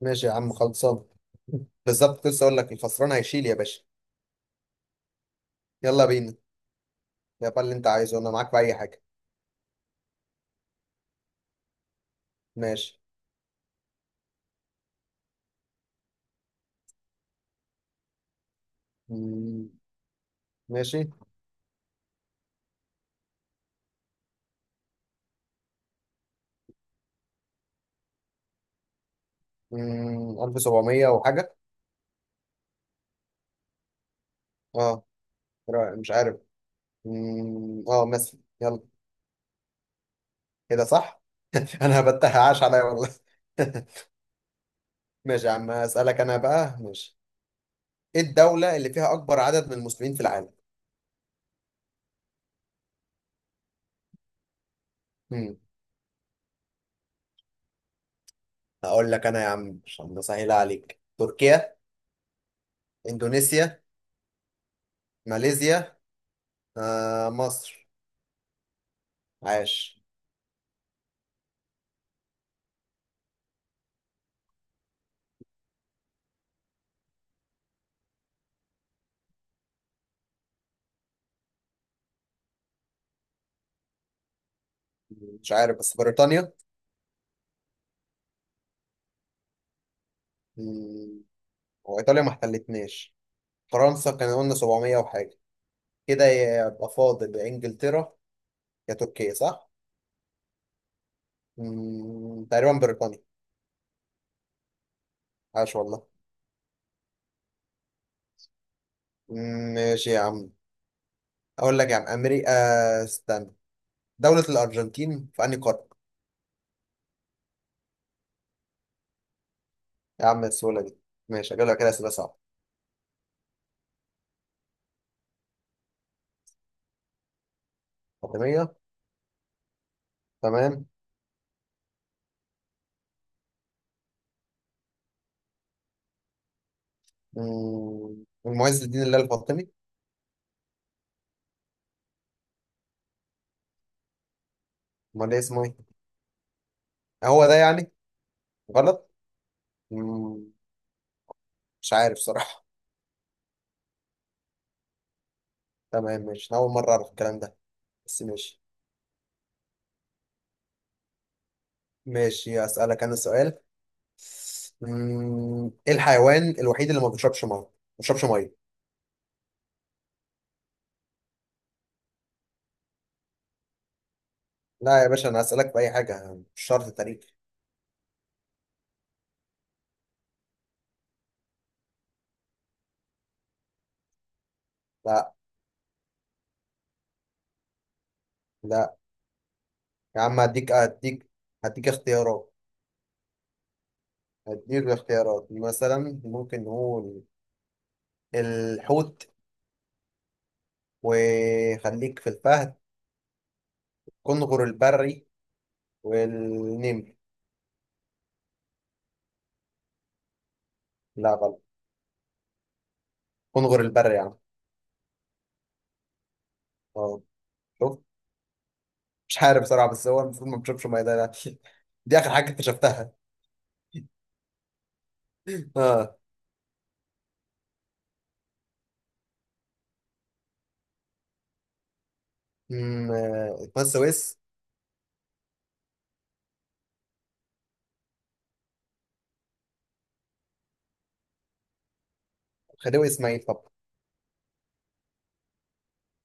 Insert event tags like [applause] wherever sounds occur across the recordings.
ماشي يا عم، خلصان. بالظبط، لسه اقول لك الخسران هيشيل يا باشا. يلا بينا. يا بقى اللي انت عايزه انا معاك في اي حاجه. ماشي. مم، ماشي. 1700 وحاجه. اه. مش عارف. مثلا يلا. كده صح. [laughs] انا هبتها، عاش عليا والله. [laughs] ماشي يا عم، اسالك انا بقى. ماشي، ايه الدوله اللي فيها اكبر عدد من المسلمين في العالم؟ مم. هقول لك انا يا عم عشان اسهل عليك: تركيا، اندونيسيا، ماليزيا، آه، مصر. عاش. مش عارف، بس بريطانيا. مم، وإيطاليا ما احتلتناش، فرنسا كان قلنا 700 وحاجة، كده يبقى فاضل يا إنجلترا يا تركيا، صح؟ تقريبا بريطانيا. عاش والله. ماشي يا عم. أقول لك يا عم، أمريكا. استنى. دولة الأرجنتين في أنهي قارة؟ يا عم السهولة دي! ماشي، أجيب لك كده أسئلة صعبة. فاطمية. تمام. المعز الدين الله الفاطمي. أمال إيه اسمه إيه؟ هو ده يعني غلط؟ مم. مش عارف صراحة. تمام ماشي، أنا أول مرة أعرف الكلام ده، بس ماشي. ماشي أسألك أنا سؤال. إيه الحيوان الوحيد اللي ما بيشربش مية، ما بيشربش مية؟ لا يا باشا، أنا هسألك في أي حاجة، مش شرط تاريخ. لا. لا يا عم، هديك اختيارات. هديك اختيارات مثلا، ممكن نقول الحوت، وخليك في الفهد، كنغر البري، والنمر. لا، غلط. كنغر البري يا عم. اه. شوف، مش عارف بصراحة، بس هو المفروض ما بيشربش مية ده، لا. [laughs] دي آخر حاجة اكتشفتها. [laughs] اه. امم. قناه السويس. خديوي اسماعيل طب.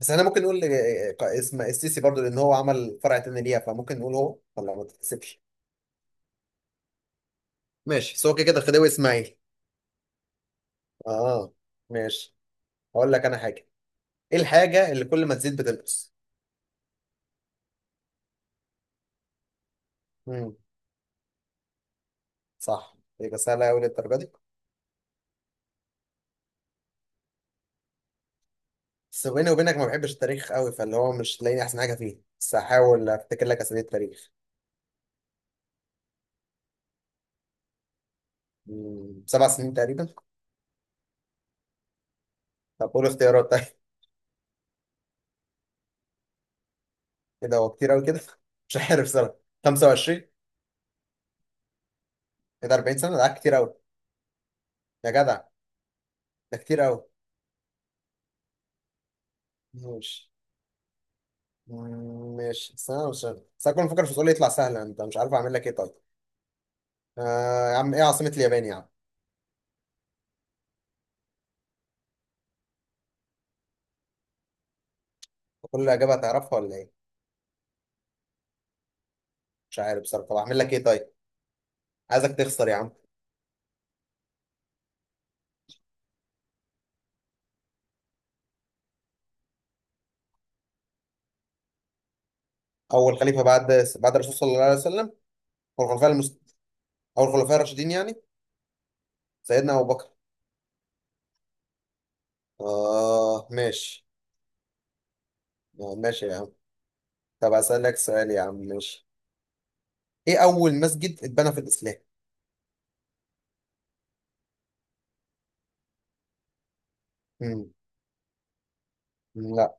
بس احنا ممكن نقول آه، اسم السيسي برضو، لان هو عمل فرع تاني ليها، فممكن نقول هو، ولا ما تتحسبش. ماشي، بس هو كده كده خديوي اسماعيل. اه. ماشي. هقول لك انا حاجه. ايه الحاجه اللي كل ما تزيد بتنقص؟ امم. صح، يبقى سهله قوي للدرجه دي. بس بيني وبينك ما بحبش التاريخ قوي، فاللي هو مش تلاقيني احسن حاجه فيه، بس هحاول افتكر لك اسامي التاريخ. مم. سبع سنين تقريبا. طب قول اختيارات. [laughs] طيب. كده هو كتير قوي كده. [laughs] مش عارف صراحه. 25. ايه ده، 40 سنة ده كتير أوي. يا جدع، ده كتير أوي. ماشي. ماشي سنة وسنة، بس أنا كنت مفكر في سؤال يطلع سهل، أنت مش عارف أعمل لك إيه طيب. آه يا عم، إيه عاصمة اليابان يا عم؟ كل إجابة هتعرفها ولا إيه؟ مش عارف بصراحة، طب أعمل لك إيه طيب. عايزك تخسر يا عم. أول خليفة بعد، بعد الرسول صلى الله عليه وسلم والخلفاء المست... أو الخلفاء الراشدين يعني. سيدنا أبو بكر. آه ماشي. آه ماشي يا عم. طب أسألك سؤال يا عم، ماشي. إيه أول مسجد اتبنى في الإسلام؟ مم. لا.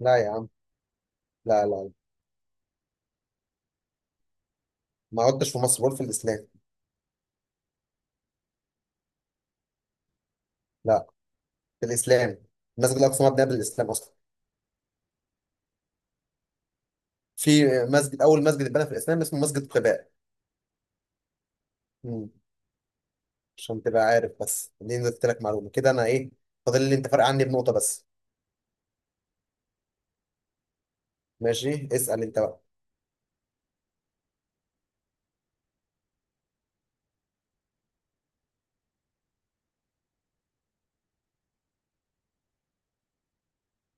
لا يا عم. لا لا. ما عدتش في مصر، بقول في الاسلام. لا. في الاسلام المسجد الاقصى مبني قبل الاسلام اصلا. في مسجد، اول مسجد اتبنى في الاسلام اسمه مسجد قباء. مم. عشان تبقى عارف، بس دي قلت لك معلومه كده. انا ايه؟ فاضل لي انت فرق عني بنقطه بس. ماشي، اسال انت بقى.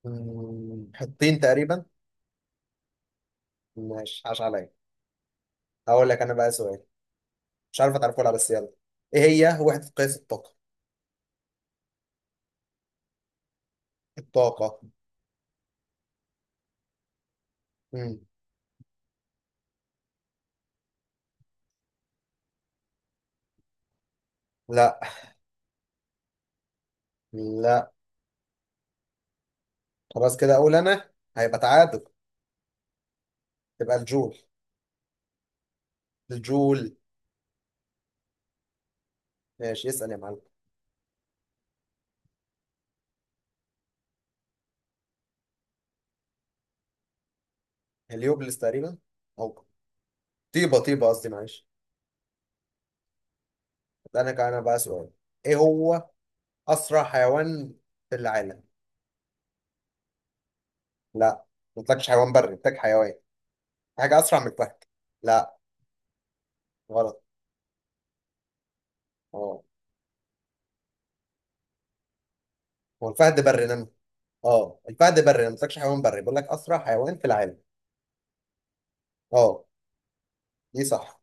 مم. حطين تقريبا. ماشي عاش عليا. هقول لك انا بقى سؤال، مش عارف هتعرفه ولا لا، بس يلا. ايه هي وحده قياس الطاقه؟ الطاقه. مم. لا. لا. خلاص كده اقول انا، هيبقى تعادل. تبقى الجول. الجول. ماشي اسال يا معلم. هليوبلس تقريبا. او طيبه، طيبه قصدي، معلش. انا كان، انا بقى سؤال. ايه هو اسرع حيوان في العالم؟ لا، ما قلتلكش حيوان بري، قلتلك حيوان. حاجه اسرع من الفهد. لا، غلط. اه. هو الفهد بري نمر. اه، الفهد بري، أنا ما قلتلكش حيوان بري، بقول لك اسرع حيوان في العالم. اه. دي صح.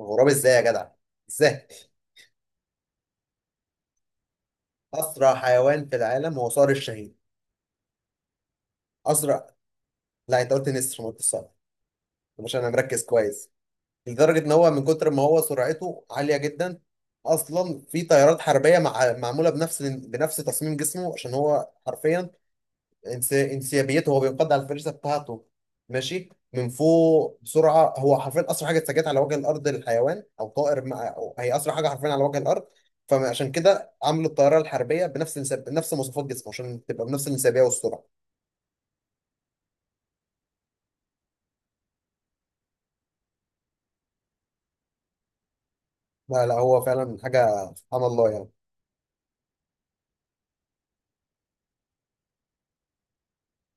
غراب ازاي يا جدع؟ ازاي؟ اسرع حيوان في العالم هو صقر الشاهين. اسرع. لا انت قلت نسر، ما قلتش صقر. مش انا مركز كويس. لدرجه ان هو من كتر ما هو سرعته عاليه جدا، اصلا في طيارات حربيه معموله بنفس تصميم جسمه عشان هو حرفيا انسيابيته، هو بينقض على الفريسه بتاعته ماشي من فوق بسرعه. هو حرفيا اسرع حاجه اتسجلت على وجه الارض للحيوان او طائر أو هي اسرع حاجه حرفيا على وجه الارض. فعشان كده عملوا الطياره الحربيه بنفس بنفس مواصفات جسمه عشان تبقى بنفس الانسيابيه والسرعه. لا لا، هو فعلا حاجه، سبحان الله يعني.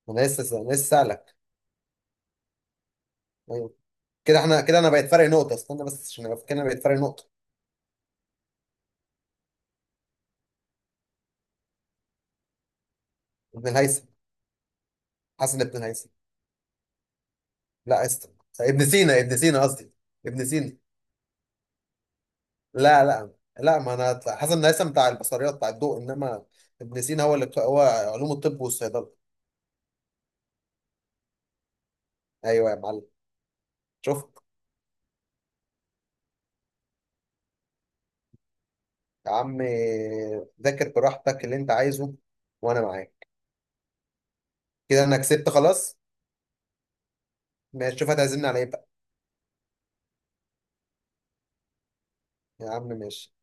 انا لسه سالك. كده احنا، كده انا بقيت فرق نقطه. استنى بس عشان ابقى فاكر، انا بقيت فرق نقطه. ابن الهيثم. حسن ابن الهيثم. لا است ابن سينا، ابن سينا قصدي. ابن سينا. لا لا. لا، ما انا هطلع. حسن الهيثم بتاع البصريات، بتاع الضوء، انما ابن سينا هو اللي هو علوم الطب والصيدله. ايوه يا معلم، شفت. يا عم ذاكر براحتك اللي انت عايزه، وانا معاك. كده انا كسبت خلاص. ماشي، شوف هتعزمني على ايه بقى. يا عم ماشي.